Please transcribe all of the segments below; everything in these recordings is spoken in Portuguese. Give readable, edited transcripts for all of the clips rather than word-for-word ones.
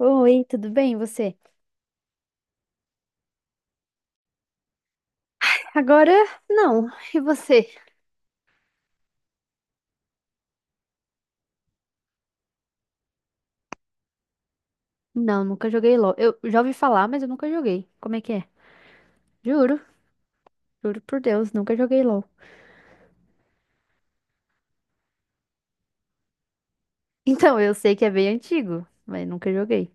Oi, tudo bem, e você? Agora, não. E você? Não, nunca joguei LOL. Eu já ouvi falar, mas eu nunca joguei. Como é que é? Juro, juro por Deus, nunca joguei LOL. Então, eu sei que é bem antigo, mas nunca joguei.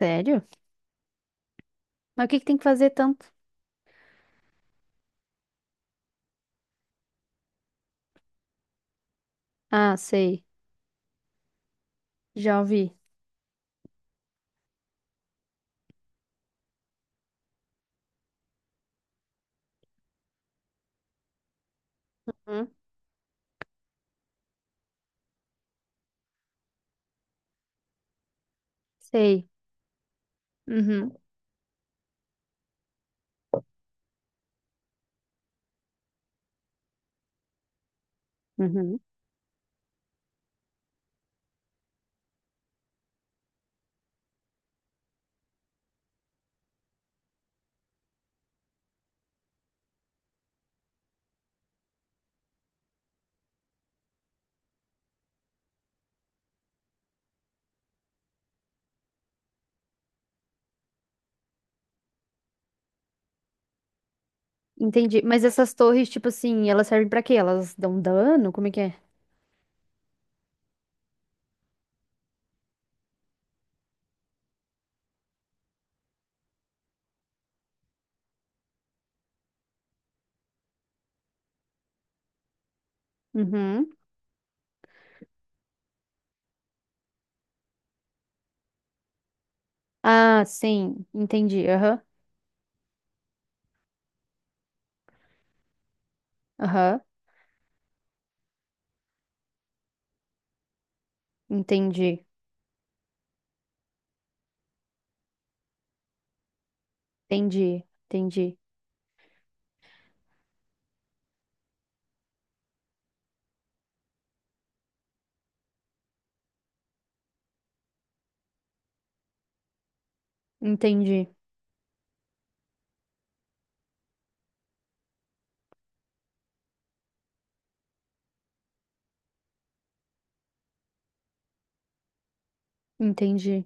Sério? Mas o que que tem que fazer tanto? Ah, sei. Já ouvi. Hum? Sei. Uhum. Uhum. Entendi. Mas essas torres, tipo assim, elas servem pra quê? Elas dão dano? Como é que é? Uhum. Ah, sim. Entendi. Aham. Aham. Entendi. Entendi. Entendi. Entendi, entendi,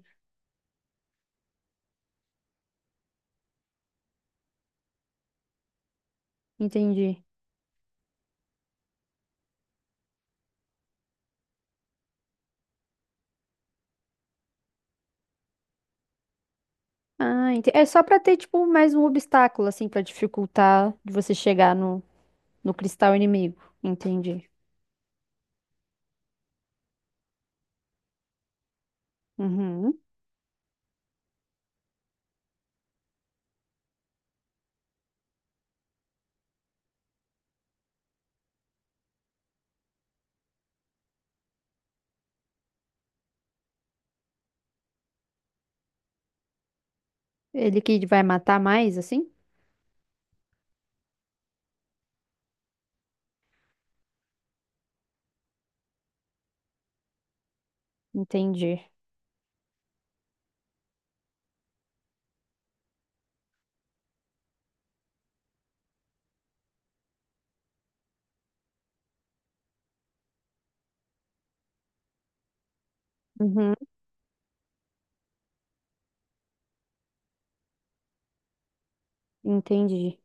entendi. Ah, É só pra ter, tipo, mais um obstáculo, assim, pra dificultar de você chegar no cristal inimigo. Entendi. Uhum. Ele que vai matar mais, assim? Entendi. Uhum. Entendi,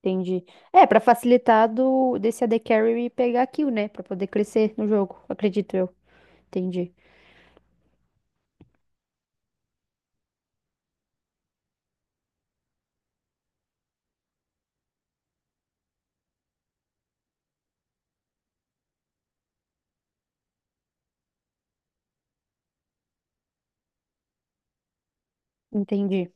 entendi. É, pra facilitar desse AD Carry pegar kill, né? Pra poder crescer no jogo, acredito eu. Entendi, entendi,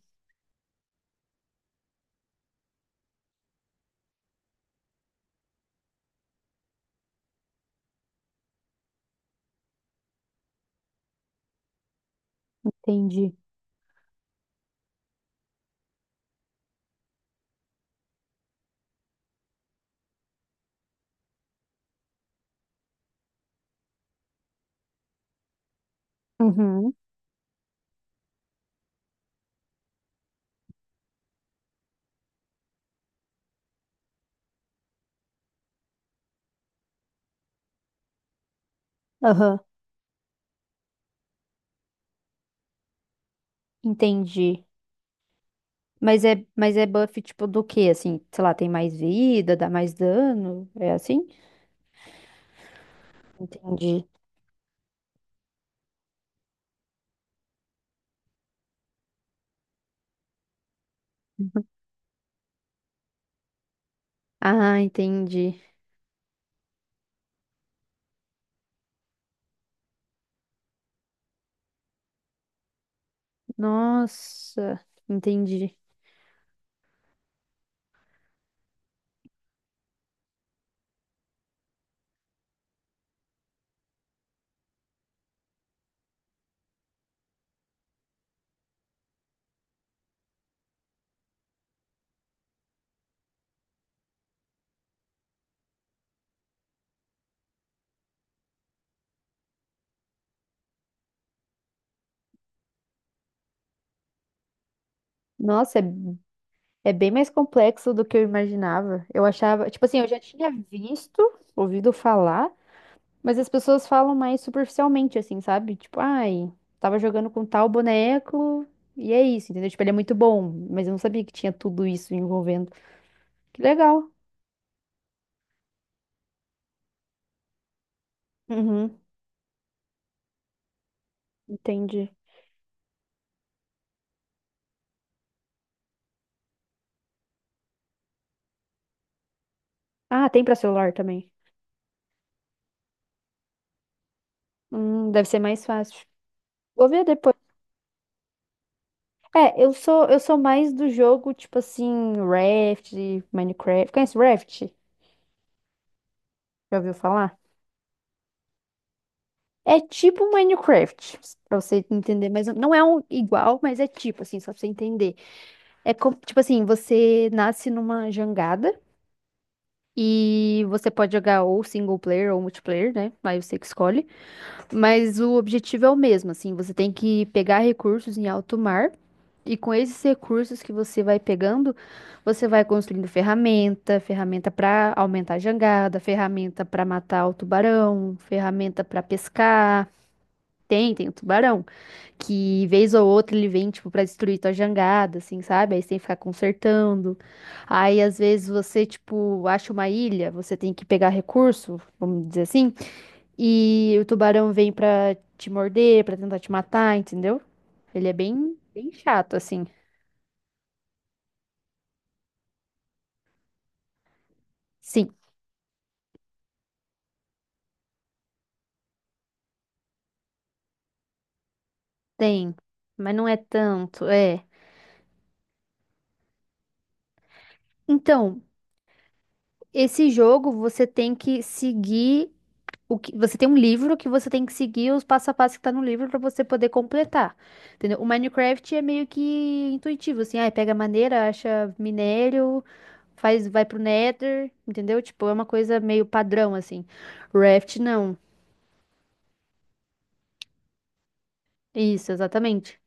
entendi. Uhum. Aham. Entendi. Mas é, buff tipo do quê? Assim, sei lá, tem mais vida, dá mais dano? É assim? Entendi. Ah, entendi. Nossa, entendi. Nossa, é bem mais complexo do que eu imaginava. Eu achava, tipo assim, eu já tinha visto, ouvido falar, mas as pessoas falam mais superficialmente, assim, sabe? Tipo, ai, tava jogando com tal boneco e é isso, entendeu? Tipo, ele é muito bom, mas eu não sabia que tinha tudo isso envolvendo. Que legal. Uhum, entendi. Ah, tem pra celular também. Deve ser mais fácil. Vou ver depois. É, eu sou mais do jogo tipo assim, Raft, Minecraft. Conhece Raft? Já ouviu falar? É tipo um Minecraft, pra você entender, mas não é um igual, mas é tipo assim, só pra você entender. É como, tipo assim, você nasce numa jangada e você pode jogar ou single player ou multiplayer, né? Aí você que escolhe. Mas o objetivo é o mesmo, assim, você tem que pegar recursos em alto mar e com esses recursos que você vai pegando, você vai construindo ferramenta, ferramenta para aumentar a jangada, ferramenta para matar o tubarão, ferramenta para pescar. Tem, tem o tubarão, que vez ou outra ele vem, tipo, pra destruir tua jangada, assim, sabe? Aí você tem que ficar consertando. Aí, às vezes, você, tipo, acha uma ilha, você tem que pegar recurso, vamos dizer assim, e o tubarão vem pra te morder, pra tentar te matar, entendeu? Ele é bem, bem chato, assim. Sim, tem, mas não é tanto, é. Então, esse jogo você tem que seguir o que você tem um livro que você tem que seguir os passo a passo que tá no livro pra você poder completar, entendeu? O Minecraft é meio que intuitivo, assim, ai, pega madeira, acha minério, faz, vai pro Nether, entendeu? Tipo, é uma coisa meio padrão assim. Raft não. Isso, exatamente.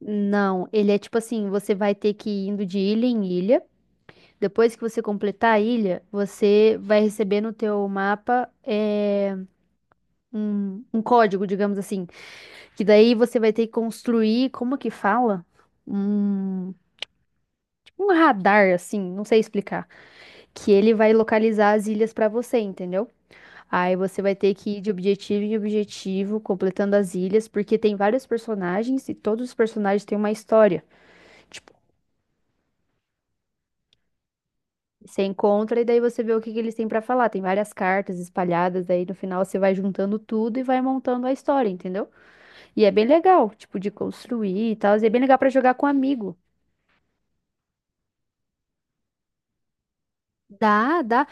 Não, ele é tipo assim, você vai ter que ir indo de ilha em ilha. Depois que você completar a ilha, você vai receber no teu mapa, um, código, digamos assim. Que daí você vai ter que construir, como que fala? Um, tipo um radar, assim, não sei explicar. Que ele vai localizar as ilhas pra você, entendeu? Aí você vai ter que ir de objetivo em objetivo, completando as ilhas, porque tem vários personagens e todos os personagens têm uma história. Tipo, você encontra e daí você vê o que que eles têm pra falar. Tem várias cartas espalhadas, aí no final você vai juntando tudo e vai montando a história, entendeu? E é bem legal, tipo, de construir e tal. E é bem legal pra jogar com amigo. Dá, dá.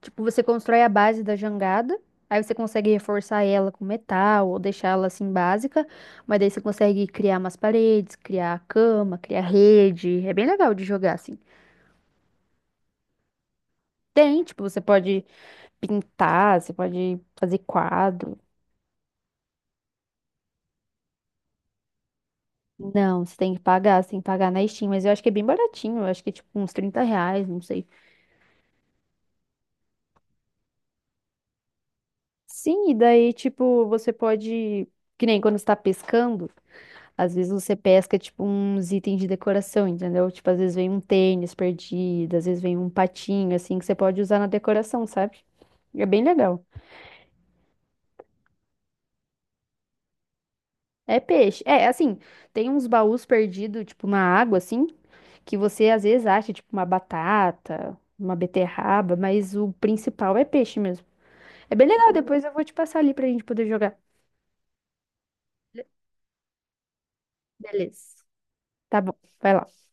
Tipo, você constrói a base da jangada, aí você consegue reforçar ela com metal ou deixar ela assim básica, mas daí você consegue criar umas paredes, criar cama, criar rede. É bem legal de jogar assim. Tem, tipo, você pode pintar, você pode fazer quadro. Não, você tem que pagar, você tem que pagar na Steam, mas eu acho que é bem baratinho, eu acho que é tipo uns R$ 30, não sei. Sim, e daí, tipo, você pode. Que nem quando você tá pescando, às vezes você pesca, tipo, uns itens de decoração, entendeu? Tipo, às vezes vem um tênis perdido, às vezes vem um patinho, assim, que você pode usar na decoração, sabe? É bem legal. É peixe. É, assim, tem uns baús perdidos, tipo, na água, assim, que você às vezes acha, tipo, uma batata, uma beterraba, mas o principal é peixe mesmo. É bem legal, depois eu vou te passar ali pra gente poder jogar. Beleza. Tá bom, vai lá.